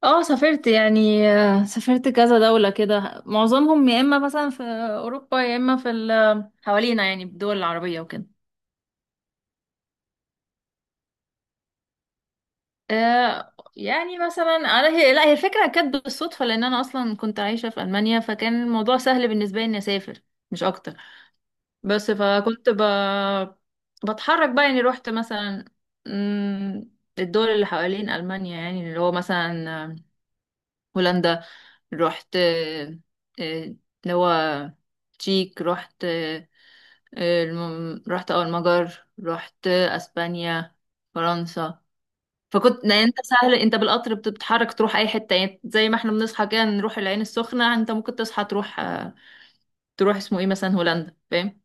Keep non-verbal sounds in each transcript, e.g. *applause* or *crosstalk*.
اه سافرت يعني سافرت كذا دولة كده معظمهم يا اما مثلا في اوروبا يا اما حوالينا يعني الدول العربية وكده آه يعني مثلا انا هي لا هي الفكرة كانت بالصدفة لان انا اصلا كنت عايشة في المانيا فكان الموضوع سهل بالنسبة لي اني اسافر مش اكتر. بس فكنت ب... بتحرك بقى يعني رحت مثلا مم، الدول اللي حوالين المانيا يعني اللي هو مثلا هولندا، رحت آه، اللي هو تشيك، رحت رحت اه المجر، رحت اسبانيا، فرنسا. فكنت يعني انت سهل، انت بالقطر بتتحرك تروح اي حته، يعني زي ما احنا بنصحى كده نروح العين السخنه، انت ممكن تصحى تروح تروح اسمه ايه مثلا هولندا، فاهم؟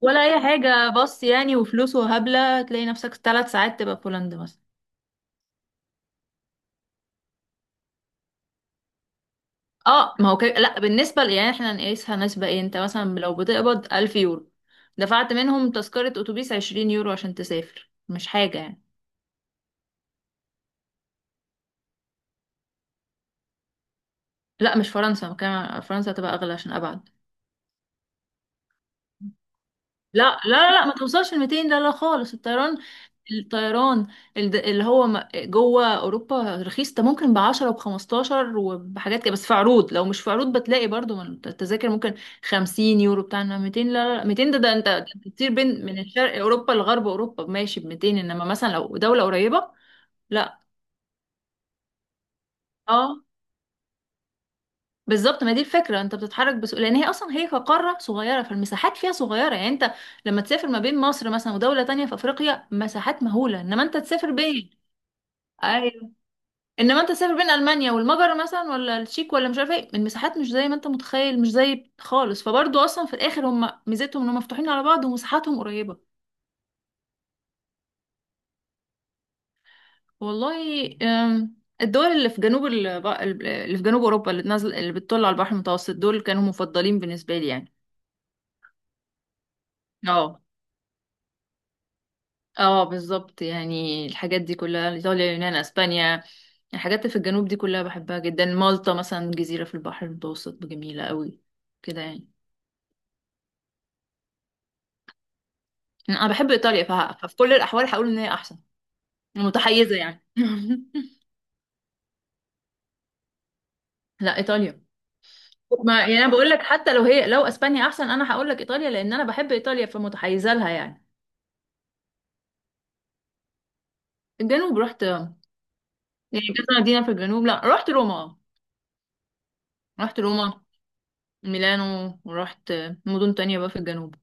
ولا اي حاجه. بص يعني وفلوس وهبله تلاقي نفسك 3 ساعات تبقى في هولندا مثلا. اه ما هو كده. لا بالنسبة ل- يعني احنا نقيسها نسبة ايه، انت مثلا لو بتقبض 1000 يورو دفعت منهم تذكرة أتوبيس 20 يورو عشان تسافر، مش حاجة يعني. لا مش فرنسا، كمان فرنسا تبقى أغلى عشان أبعد. لا لا لا، ما توصلش ل 200، لا لا خالص. الطيران، الطيران، اللي هو جوه اوروبا رخيص، ده ممكن ب 10 وب 15 وبحاجات كده، بس في عروض. لو مش في عروض بتلاقي برضو من التذاكر ممكن 50 يورو بتاع، إنما 200 لا لا لا، 200 ده انت ده أنت بتطير بين من الشرق اوروبا لغرب اوروبا ماشي ب 200، انما مثلا لو دولة قريبة لا. اه بالظبط، ما دي الفكره، انت بتتحرك بسهوله لان هي اصلا هي كقاره صغيره، فالمساحات فيها صغيره يعني. انت لما تسافر ما بين مصر مثلا ودوله تانية في افريقيا مساحات مهوله، انما انت تسافر بين، ايوه، انما انت تسافر بين المانيا والمجر مثلا، ولا التشيك، ولا مش عارفه ايه، المساحات مش زي ما انت متخيل، مش زي خالص. فبرضه اصلا في الاخر هم ميزتهم انهم مفتوحين على بعض ومساحاتهم قريبه. والله الدول اللي في اللي في جنوب اوروبا، اللي نازل اللي بتطل على البحر المتوسط، دول كانوا مفضلين بالنسبه لي يعني. اه. اه بالظبط، يعني الحاجات دي كلها ايطاليا، يونان، اسبانيا، يعني الحاجات اللي في الجنوب دي كلها بحبها جدا. مالطا مثلا، جزيرة في البحر المتوسط جميلة قوي كده يعني. انا بحب ايطاليا ففي كل الاحوال هقول ان هي احسن. متحيزة يعني *laughs* لا، ايطاليا. ما يعني انا بقول لك حتى لو هي لو اسبانيا احسن انا هقول لك ايطاليا، لان انا بحب ايطاليا فمتحيزة لها يعني. الجنوب رحت يعني كذا مدينة في الجنوب، لا رحت روما، رحت روما، ميلانو، ورحت مدن تانية بقى في الجنوب.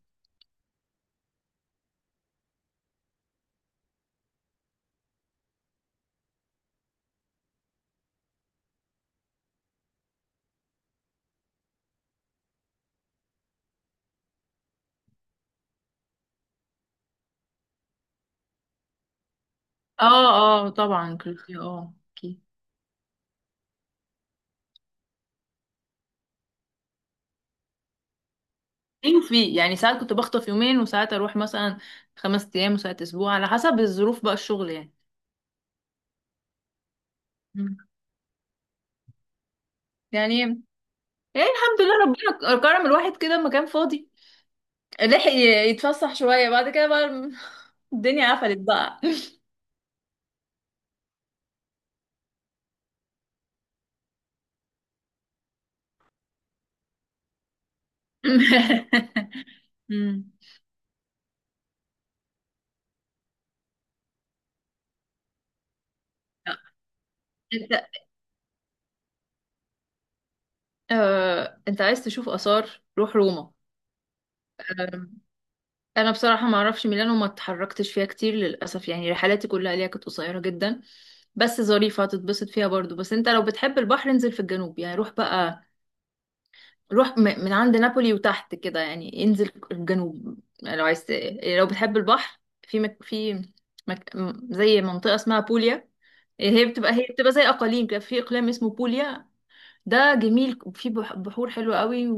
اه اه طبعا كنت اه، اوكي. ايه وفي يعني ساعات كنت بخطف يومين، وساعات اروح مثلا 5 ايام، وساعات اسبوع، على حسب الظروف بقى الشغل يعني. مم. يعني، يعني الحمد لله، ربنا كرم الواحد كده لما كان فاضي لحق يتفسح شوية. بعد كده بقى *laughs* الدنيا قفلت بقى. *laughs* مم. انت انت عايز تشوف آثار روح روما. انا بصراحه ما اعرفش ميلانو وما اتحركتش فيها كتير للاسف يعني، رحلاتي كلها ليها كانت قصيره جدا، بس ظريفه هتتبسط فيها برضو. بس انت لو بتحب البحر انزل في الجنوب، يعني روح بقى، روح من عند نابولي وتحت كده يعني، انزل الجنوب، يعني لو عايز لو بتحب البحر. في مك... في زي منطقه اسمها بوليا، هي بتبقى، هي بتبقى زي اقاليم كده، في اقليم اسمه بوليا، ده جميل، في بحور حلوه قوي.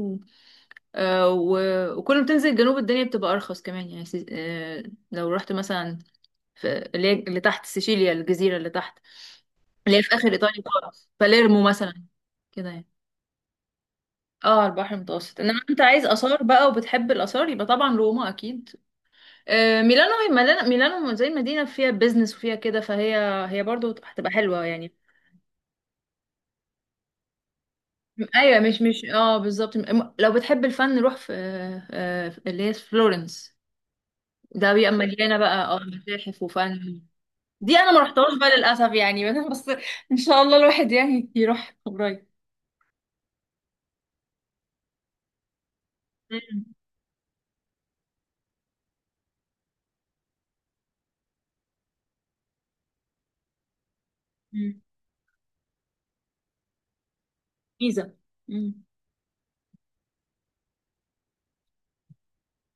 وكل ما تنزل الجنوب الدنيا بتبقى ارخص كمان يعني. لو رحت مثلا في اللي هي اللي تحت سيشيليا، الجزيره اللي تحت اللي هي في اخر ايطاليا خالص، باليرمو مثلا، كده يعني. اه البحر المتوسط. انما انت عايز اثار بقى وبتحب الاثار يبقى طبعا روما اكيد. ميلانو، هي ميلانو، ميلانو زي مدينه فيها بيزنس وفيها كده، فهي، هي برضو هتبقى حلوه يعني. ايوه مش اه بالظبط. لو بتحب الفن روح في اللي هي في فلورنس، ده بيبقى مليانه بقى اه متاحف وفن. دي انا ما رحتهاش بقى للاسف يعني *laughs* بس ان شاء الله الواحد يعني يروح قريب. مم. مم. جيزه. مم.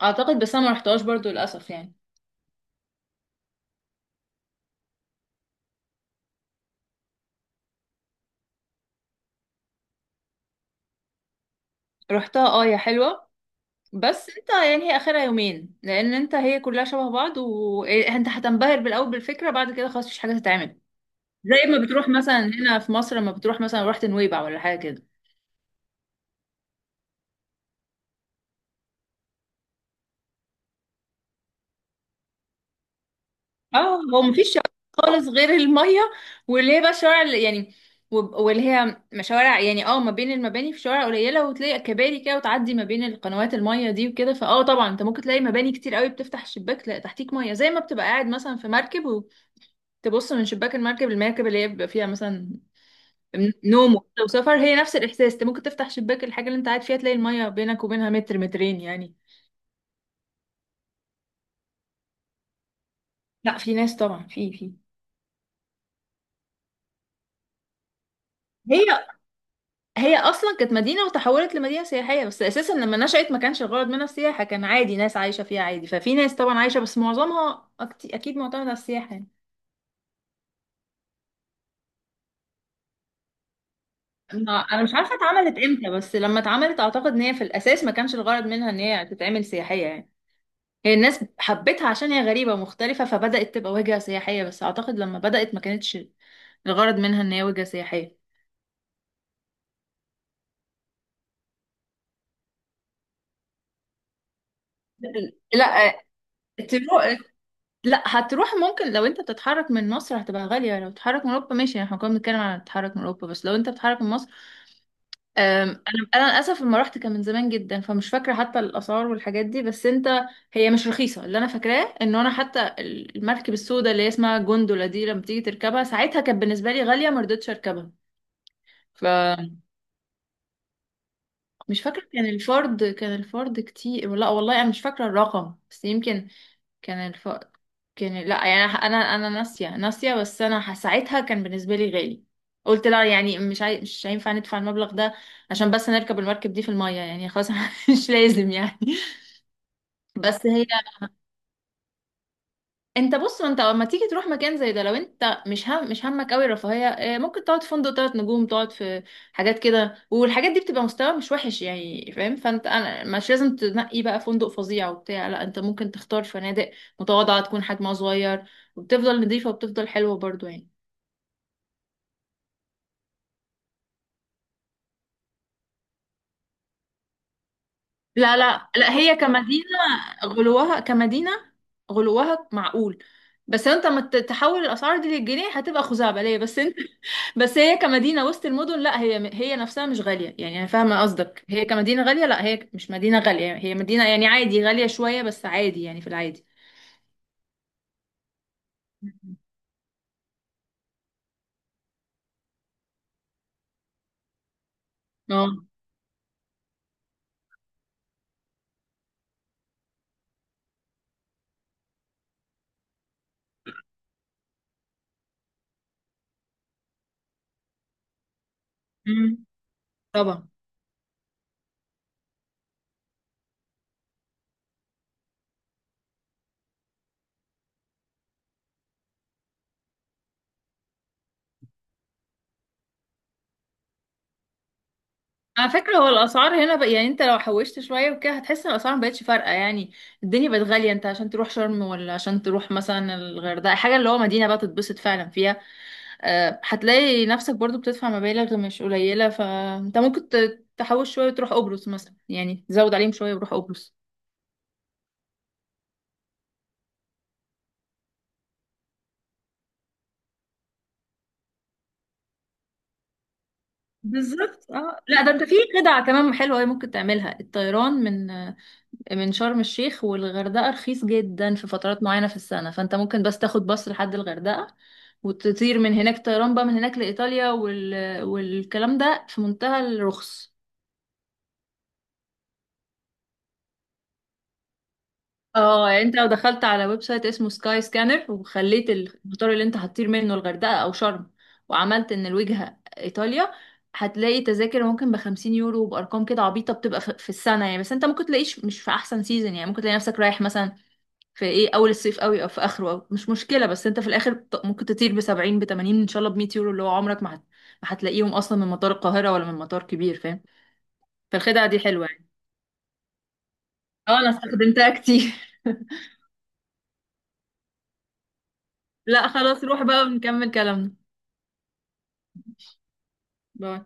اعتقد، بس انا ما رحتهاش برضو للاسف يعني. رحتها اه، هي حلوه، بس انت يعني هي اخرها يومين، لان انت هي كلها شبه بعض، وانت هتنبهر بالاول بالفكره، بعد كده خلاص مفيش حاجه تتعمل. زي ما بتروح مثلا هنا في مصر لما بتروح مثلا رحت نويبع ولا حاجه كده. اه هو مفيش شوارع خالص غير المية، واللي هي بقى الشوارع اللي يعني، واللي هي مشوارع يعني. اه ما بين المباني في شوارع قليلة، وتلاقي كباري كده وتعدي ما بين القنوات المية دي وكده. فاه طبعا انت ممكن تلاقي مباني كتير قوي بتفتح الشباك تلاقي تحتيك مية، زي ما بتبقى قاعد مثلا في مركب وتبص من شباك المركب. المركب اللي هي بيبقى فيها مثلا نوم وكده وسفر، هي نفس الإحساس. انت ممكن تفتح شباك الحاجة اللي انت قاعد فيها تلاقي المية بينك وبينها متر مترين يعني. لا في ناس طبعا، في، هي هي اصلا كانت مدينه وتحولت لمدينه سياحيه، بس اساسا لما نشأت ما كانش الغرض منها السياحه، كان عادي ناس عايشه فيها عادي. ففي ناس طبعا عايشه، بس معظمها اكيد معتمده على السياحه يعني. انا مش عارفه اتعملت امتى، بس لما اتعملت اعتقد ان هي في الاساس ما كانش الغرض منها ان هي تتعمل سياحيه يعني. هي الناس حبتها عشان هي غريبه ومختلفه فبدأت تبقى وجهه سياحيه، بس اعتقد لما بدأت ما كانتش الغرض منها ان هي وجهه سياحيه. لا تروح، لا هتروح ممكن. لو انت بتتحرك من مصر هتبقى غالية، لو بتتحرك من اوروبا ماشي. احنا كنا بنتكلم عن التحرك من اوروبا، بس لو انت بتتحرك من مصر. انا للاسف لما رحت كان من زمان جدا فمش فاكرة حتى الاسعار والحاجات دي. بس انت هي مش رخيصة، اللي انا فاكراه ان انا حتى المركب السوداء اللي هي اسمها جوندولا دي لما تيجي تركبها ساعتها كانت بالنسبة لي غالية ما رضيتش اركبها. فمش فاكرة، كان الفرد كتير، لا والله انا مش فاكرة الرقم، بس يمكن كان الفقر كان، لا يعني انا، أنا ناسيه. بس انا ساعتها كان بالنسبه لي غالي، قلت لا يعني مش هينفع ندفع المبلغ ده عشان بس نركب المركب دي في الميه يعني، خلاص *laughs* مش لازم يعني. بس هي، انت بص ما انت لما تيجي تروح مكان زي ده لو انت مش هم مش همك قوي الرفاهيه، اه، ممكن تقعد في فندق 3 نجوم، تقعد في حاجات كده والحاجات دي بتبقى مستوى مش وحش يعني، فاهم؟ فانت، انا مش لازم تنقي بقى فندق فظيع وبتاع، لا انت ممكن تختار فنادق متواضعه تكون حجمها صغير، وبتفضل نظيفه وبتفضل حلوه برضو يعني. لا لا لا، هي كمدينه غلوها، كمدينه غلوها معقول، بس انت لما تحول الاسعار دي للجنيه هتبقى خزعبليه. بس انت، بس هي كمدينة وسط المدن لا، هي هي نفسها مش غالية يعني. أنا فاهمة قصدك، هي كمدينة غالية لا، هي مش مدينة غالية، هي مدينة يعني عادي، غالية شوية بس عادي يعني، في العادي. مم. اه أمم. طبعا. على فكرة هو الأسعار هنا بقى يعني أنت لو حوشت شوية وكده هتحس إن الأسعار مبقتش فارقة يعني. الدنيا بقت غالية، أنت عشان تروح شرم ولا عشان تروح مثلا الغردقة، حاجة اللي هو مدينة بقى تتبسط فعلا فيها، هتلاقي نفسك برضو بتدفع مبالغ مش قليلة. فأنت ممكن تحوش شوية وتروح قبرص مثلا يعني، تزود عليهم شوية وروح قبرص. بالظبط اه. لا ده انت في خدعة كمان حلوة أوي ممكن تعملها، الطيران من شرم الشيخ والغردقة رخيص جدا في فترات معينة في السنة، فانت ممكن بس تاخد باص لحد الغردقة وتطير من هناك طيران بقى من هناك لإيطاليا والكلام ده في منتهى الرخص. اه يعني انت لو دخلت على ويب سايت اسمه سكاي سكانر وخليت المطار اللي انت هتطير منه الغردقة او شرم، وعملت ان الوجهة ايطاليا، هتلاقي تذاكر ممكن ب 50 يورو وبارقام كده عبيطة بتبقى في السنة يعني. بس انت ممكن تلاقيش مش في احسن سيزون يعني، ممكن تلاقي نفسك رايح مثلا في ايه اول الصيف قوي او في اخره، أو مش مشكلة، بس انت في الاخر ممكن تطير ب 70 ب 80 ان شاء الله ب 100 يورو، اللي هو عمرك ما هتلاقيهم اصلا من مطار القاهرة ولا من مطار كبير، فاهم؟ فالخدعة دي حلوة يعني. اه انا استخدمتها كتير. *laughs* لا خلاص روح بقى ونكمل كلامنا. باي.